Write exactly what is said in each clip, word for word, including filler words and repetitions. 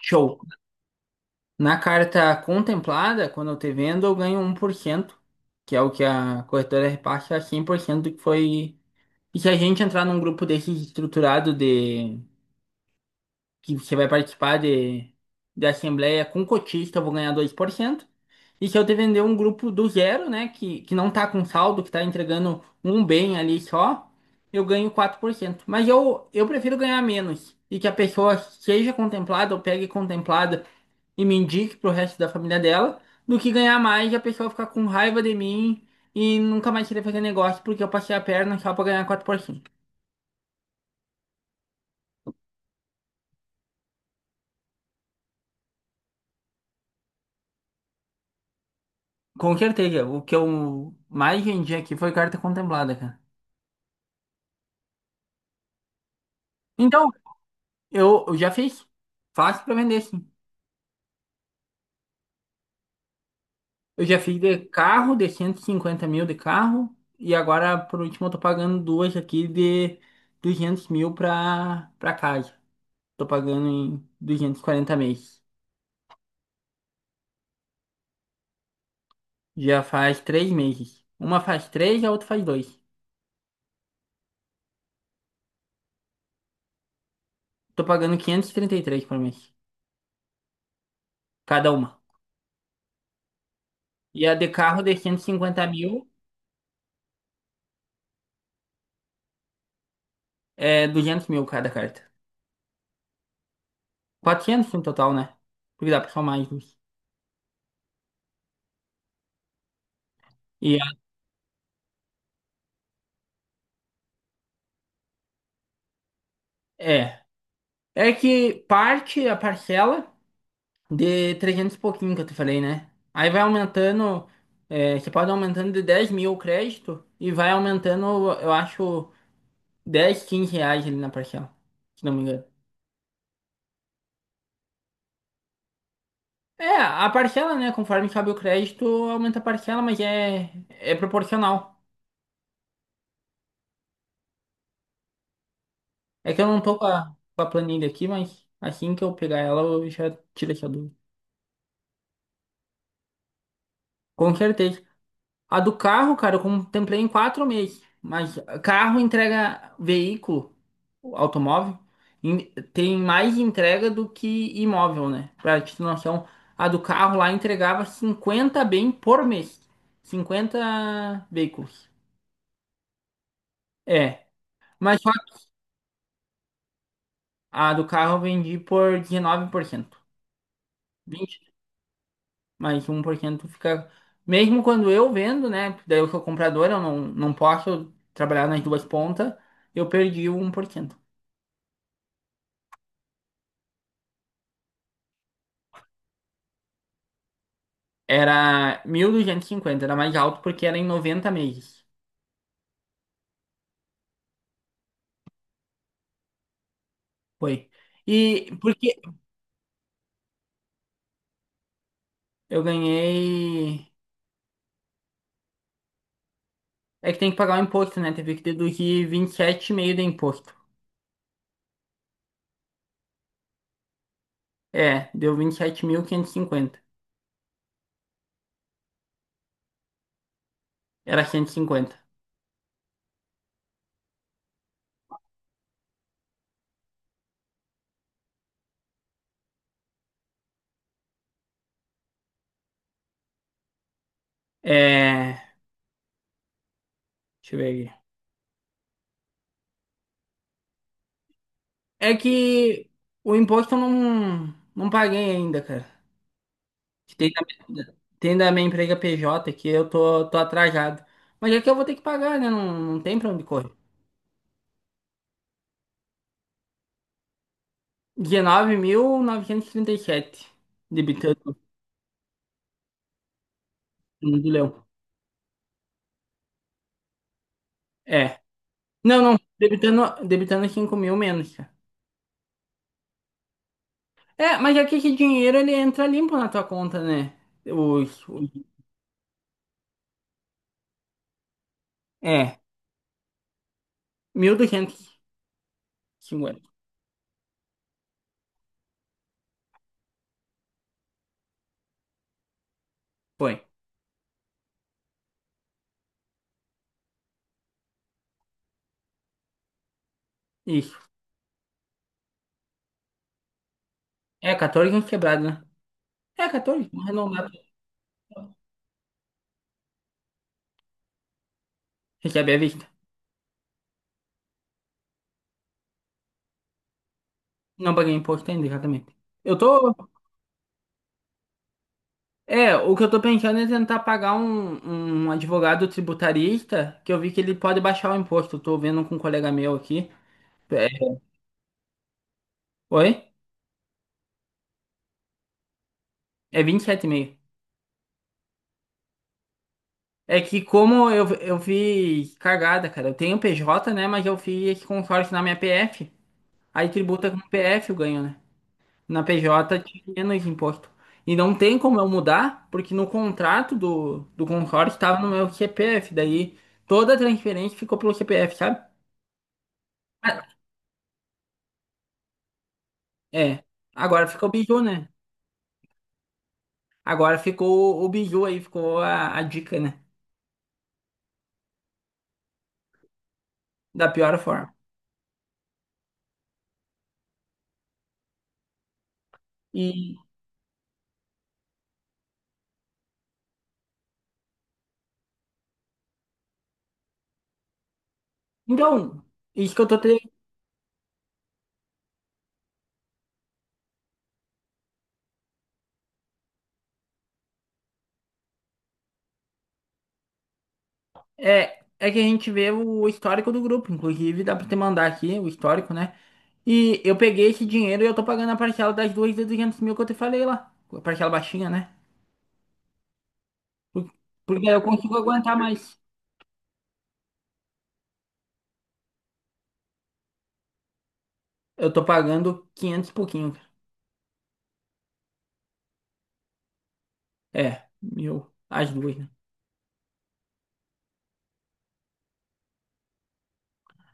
Show. Na carta contemplada, quando eu te vendo, eu ganho um por cento, que é o que a corretora reparte a cem por cento do que foi. E se a gente entrar num grupo desse estruturado de que você vai participar de, de assembleia com cotista, eu vou ganhar dois por cento. E se eu te vender um grupo do zero, né, que, que não tá com saldo, que tá entregando um bem ali só, eu ganho quatro por cento. Mas eu, eu prefiro ganhar menos e que a pessoa seja contemplada ou pegue contemplada e me indique pro resto da família dela, do que ganhar mais e a pessoa ficar com raiva de mim e nunca mais querer fazer negócio porque eu passei a perna só pra ganhar quatro por cento. Com certeza. O que eu mais vendi aqui foi carta contemplada, cara. Então, eu, eu já fiz. Fácil pra vender, sim. Eu já fiz de carro, de cento e cinquenta mil de carro. E agora, por último, eu tô pagando duas aqui de duzentos mil pra, pra casa. Tô pagando em duzentos e quarenta meses. Já faz três meses. Uma faz três, a outra faz dois. Tô pagando quinhentos e e trinta e três por mês. Cada uma. E a de carro de cento e cinquenta mil é duzentos mil cada carta. Quatrocentos no total, né? Porque dá pra somar mais duas. E a- É. É que parte a parcela de trezentos e pouquinho que eu te falei, né? Aí vai aumentando. É, você pode aumentando de dez mil o crédito e vai aumentando, eu acho, dez, quinze reais ali na parcela, se não me engano. É, a parcela, né? Conforme cabe o crédito, aumenta a parcela, mas é, é proporcional. É que eu não tô com a, com a planilha aqui, mas assim que eu pegar ela, eu já tiro essa dúvida. Com certeza. A do carro, cara, eu contemplei em quatro meses. Mas carro entrega veículo, automóvel, em- tem mais entrega do que imóvel, né? Pra te ter noção, a do carro lá entregava cinquenta bem por mês. Cinquenta veículos. É, mas só que a do carro eu vendi por dezenove por cento. vinte, mais um por cento fica. Mesmo quando eu vendo, né? Porque daí eu sou comprador, eu não, não posso trabalhar nas duas pontas, eu perdi o um por cento. Era mil duzentos e cinquenta, era mais alto porque era em noventa meses. Foi. E porque eu ganhei. É que tem que pagar o imposto, né? Teve que deduzir vinte e sete e meio de imposto. É, deu vinte e sete mil, quinhentos e cinquenta. Era cento e cinquenta. É. Deixa eu ver aqui. É que o imposto eu não, não paguei ainda, cara. Que tem da, minha- tem da minha empresa P J que eu tô, tô atrasado. Mas é que eu vou ter que pagar, né? Não, não tem pra onde correr. dezenove mil, novecentos e trinta e sete, debitando no do Leão. É. Não, não, debitando, debitando cinco mil menos, cara. É, mas é que esse dinheiro ele entra limpo na tua conta, né? Os, os, é, mil duzentos e cinquenta. Foi. Isso. É, catorze anos quebrado né? É, catorze, vamos arredondar. Recebe à vista. Não paguei imposto ainda, exatamente. Eu tô. É, o que eu tô pensando é tentar pagar um, um advogado tributarista, que eu vi que ele pode baixar o imposto. Eu tô vendo com um colega meu aqui. É, oi? É vinte e sete e meio. É que como eu, eu vi cagada, cara. Eu tenho P J, né? Mas eu fiz com sorte na minha P F. Aí tributa com P F eu ganho, né? Na P J tinha menos imposto. E não tem como eu mudar, porque no contrato do, do consórcio estava no meu C P F. Daí toda a transferência ficou pelo C P F, sabe? Ah, é. Agora ficou o Biju, né? Agora ficou o Biju aí, ficou a, a dica, né? Da pior forma. E então, isso que eu tô te... É, é que a gente vê o histórico do grupo, inclusive dá pra te mandar aqui o histórico, né? E eu peguei esse dinheiro e eu tô pagando a parcela das duas de duzentos mil que eu te falei lá. A parcela baixinha, né? Por- Porque eu consigo aguentar mais. Eu tô pagando quinhentos e pouquinho, cara. É, mil, as duas, né?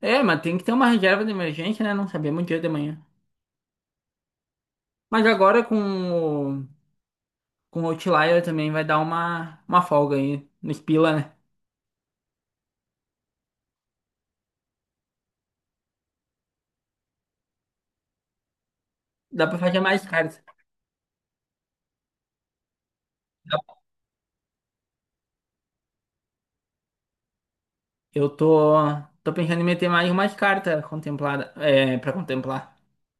É, mas tem que ter uma reserva de emergência, né? Não sabemos o dia de manhã. Mas agora com o, com o Outlier também vai dar uma, uma folga aí no Spila, né? Dá pra fazer mais cartas. Eu tô, tô pensando em meter mais umas cartas contemplada, é, para contemplar.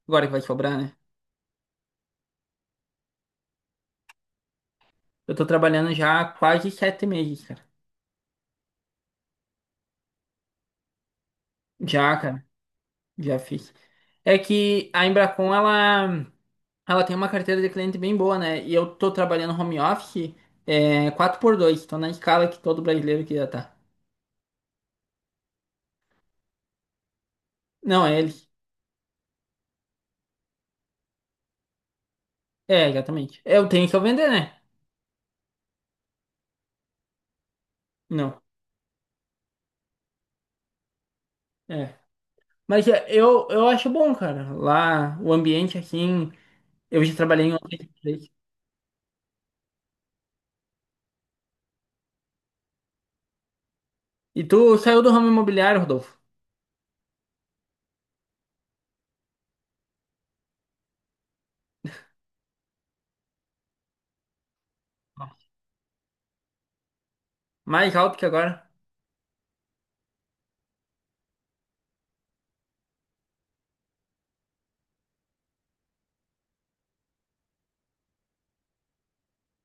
Agora que vai sobrar, né? Eu tô trabalhando já há quase sete meses, cara. Já, cara, já fiz. É que a Embracon, ela, ela tem uma carteira de cliente bem boa, né? E eu tô trabalhando home office, é, quatro por dois. Tô na escala que todo brasileiro que já tá. Não, é eles. É, exatamente. Eu tenho que eu vender, né? Não, é. Mas é, eu, eu acho bom, cara. Lá, o ambiente, assim... Eu já trabalhei em outras empresas. E tu saiu do ramo imobiliário, Rodolfo? Mais alto que agora?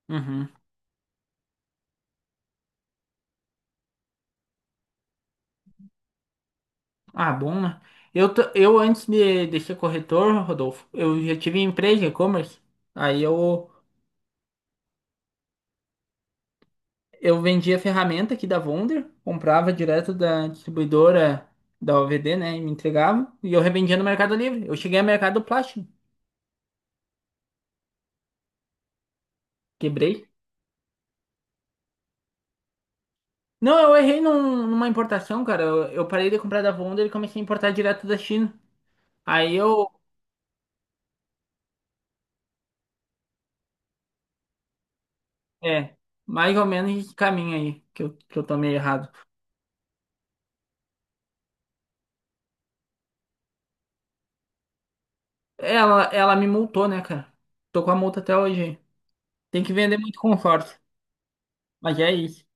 Uhum. Ah, bom, né? Eu, t- eu antes de, de ser corretor, Rodolfo, eu já tive empresa de e-commerce. Aí eu, eu vendia ferramenta aqui da Wonder, comprava direto da distribuidora da O V D, né? E me entregava. E eu revendia no Mercado Livre. Eu cheguei ao Mercado Plástico. Quebrei. Não, eu errei num- numa importação, cara. Eu, eu parei de comprar da Wonder e comecei a importar direto da China. Aí eu... É, mais ou menos esse caminho aí que eu, que eu tomei errado. Ela, ela me multou, né, cara? Tô com a multa até hoje aí. Tem que vender muito conforto. Mas é isso.